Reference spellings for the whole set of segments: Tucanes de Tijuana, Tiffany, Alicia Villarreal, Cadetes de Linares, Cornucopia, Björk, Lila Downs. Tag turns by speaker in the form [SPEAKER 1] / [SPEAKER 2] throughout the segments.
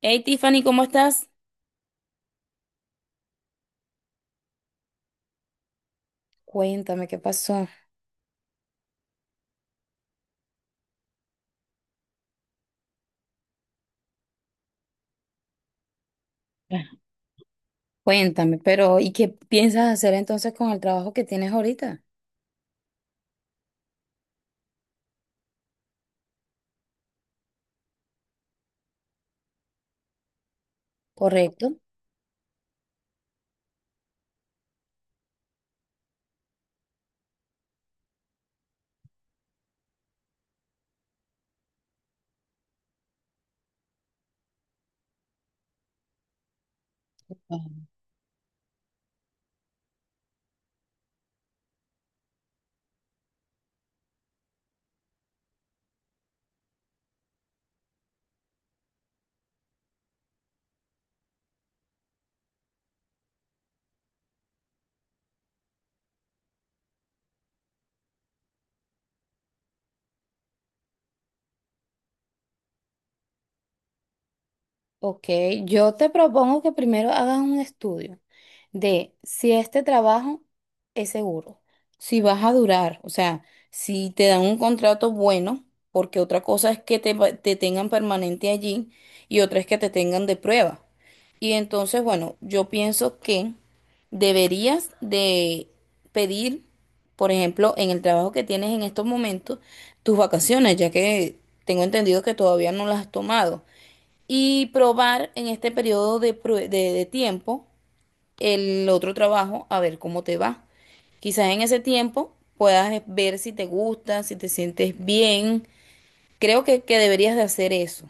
[SPEAKER 1] Hey Tiffany, ¿cómo estás? Cuéntame qué pasó. Ah. Cuéntame, pero ¿y qué piensas hacer entonces con el trabajo que tienes ahorita? ¿Correcto? Ok, yo te propongo que primero hagas un estudio de si este trabajo es seguro, si vas a durar, o sea, si te dan un contrato bueno, porque otra cosa es que te, te tengan permanente allí y otra es que te tengan de prueba. Y entonces, bueno, yo pienso que deberías de pedir, por ejemplo, en el trabajo que tienes en estos momentos, tus vacaciones, ya que tengo entendido que todavía no las has tomado y probar en este periodo de, de tiempo el otro trabajo a ver cómo te va. Quizás en ese tiempo puedas ver si te gusta, si te sientes bien. Creo que deberías de hacer eso.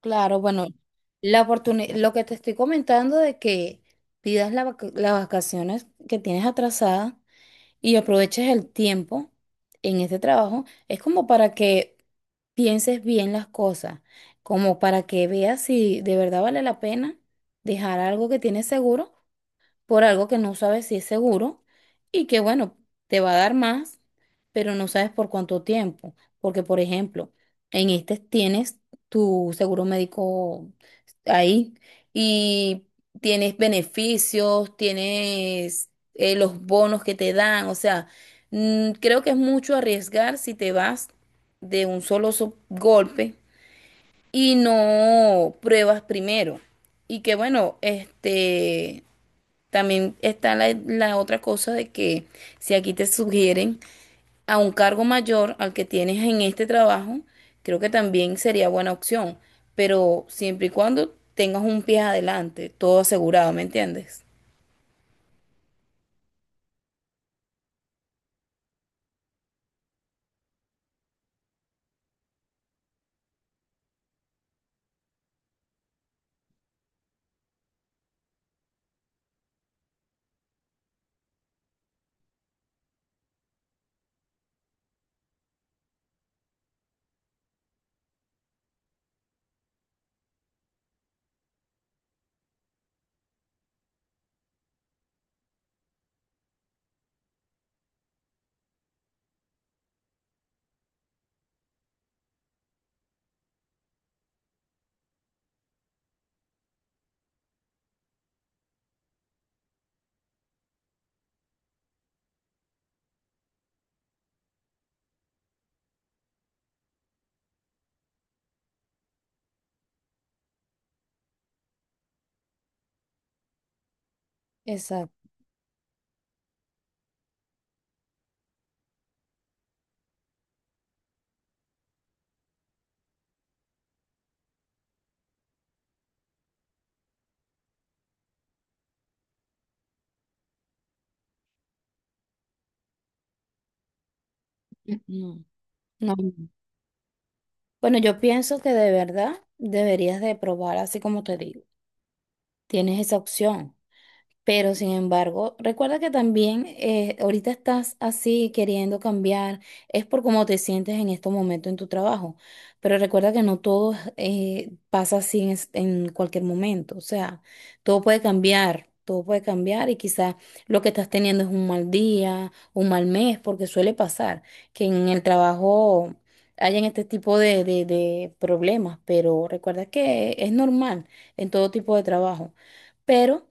[SPEAKER 1] Claro, bueno, lo que te estoy comentando de que pidas las vacaciones que tienes atrasadas y aproveches el tiempo en este trabajo, es como para que pienses bien las cosas, como para que veas si de verdad vale la pena dejar algo que tienes seguro por algo que no sabes si es seguro y que, bueno, te va a dar más, pero no sabes por cuánto tiempo. Porque, por ejemplo, en este tienes tu seguro médico ahí y tienes beneficios, tienes los bonos que te dan. O sea, creo que es mucho arriesgar si te vas de un solo golpe y no pruebas primero. Y que bueno, este, también está la otra cosa de que si aquí te sugieren a un cargo mayor al que tienes en este trabajo, creo que también sería buena opción, pero siempre y cuando tengas un pie adelante, todo asegurado, ¿me entiendes? Exacto. No, no. Bueno, yo pienso que de verdad deberías de probar así como te digo. Tienes esa opción. Pero sin embargo, recuerda que también ahorita estás así queriendo cambiar, es por cómo te sientes en estos momentos en tu trabajo. Pero recuerda que no todo pasa así en cualquier momento. O sea, todo puede cambiar y quizás lo que estás teniendo es un mal día, un mal mes, porque suele pasar que en el trabajo hayan este tipo de, de problemas. Pero recuerda que es normal en todo tipo de trabajo. Pero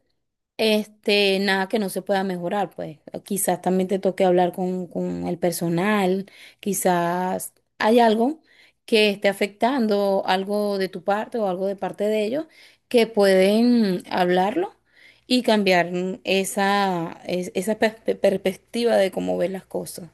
[SPEAKER 1] este, nada que no se pueda mejorar, pues. Quizás también te toque hablar con el personal, quizás hay algo que esté afectando algo de tu parte o algo de parte de ellos que pueden hablarlo y cambiar esa perspectiva de cómo ver las cosas.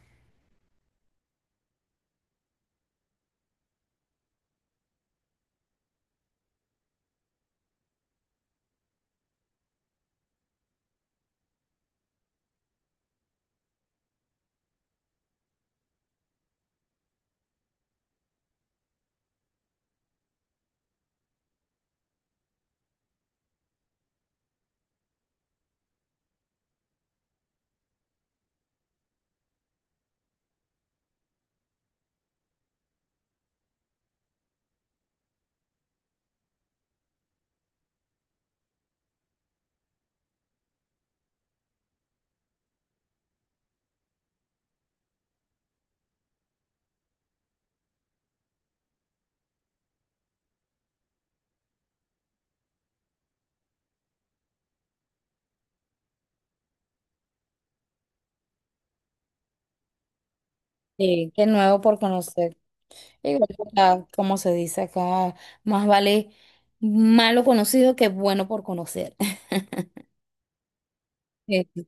[SPEAKER 1] Sí, qué nuevo por conocer. Igual, o sea, como se dice acá, más vale malo conocido que bueno por conocer. Sí,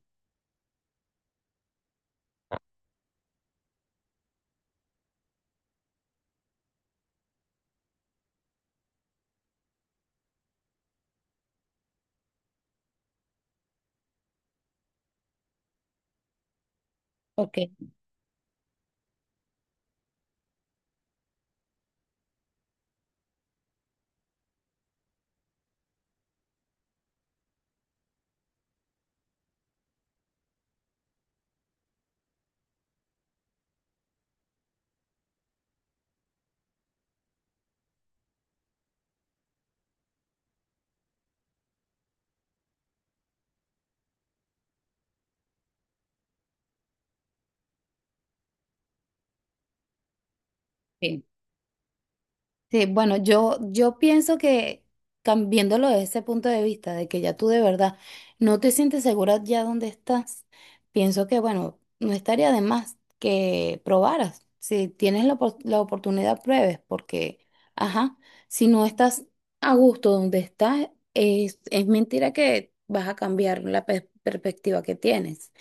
[SPEAKER 1] ok. Sí. Sí, bueno, yo pienso que viéndolo desde ese punto de vista, de que ya tú de verdad no te sientes segura ya donde estás, pienso que, bueno, no estaría de más que probaras. Si tienes la oportunidad, pruebes, porque, ajá, si no estás a gusto donde estás, es mentira que vas a cambiar perspectiva que tienes.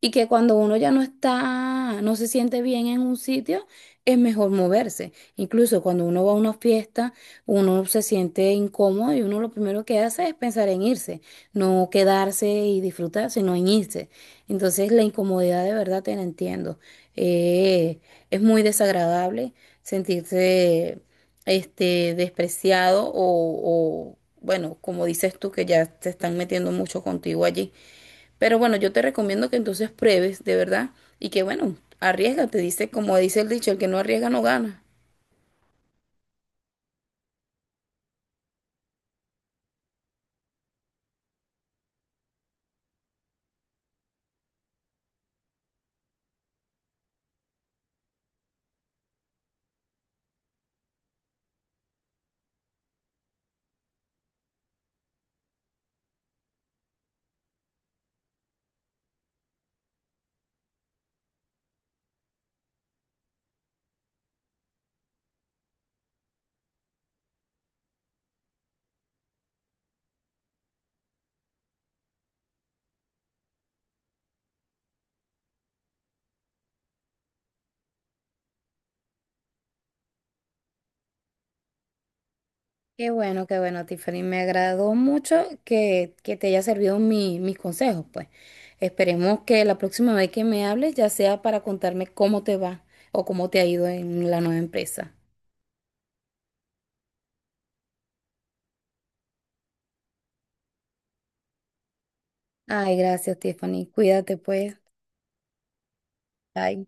[SPEAKER 1] Y que cuando uno ya no está, no se siente bien en un sitio, es mejor moverse. Incluso cuando uno va a una fiesta, uno se siente incómodo y uno lo primero que hace es pensar en irse, no quedarse y disfrutar, sino en irse. Entonces la incomodidad de verdad te la entiendo. Eh, es muy desagradable sentirse este, despreciado o, bueno, como dices tú, que ya te están metiendo mucho contigo allí. Pero bueno, yo te recomiendo que entonces pruebes, de verdad, y que bueno, arriesgate, dice, como dice el dicho, el que no arriesga no gana. Qué bueno, Tiffany. Me agradó mucho que te haya servido mis consejos, pues. Esperemos que la próxima vez que me hables ya sea para contarme cómo te va o cómo te ha ido en la nueva empresa. Ay, gracias, Tiffany. Cuídate, pues. Bye.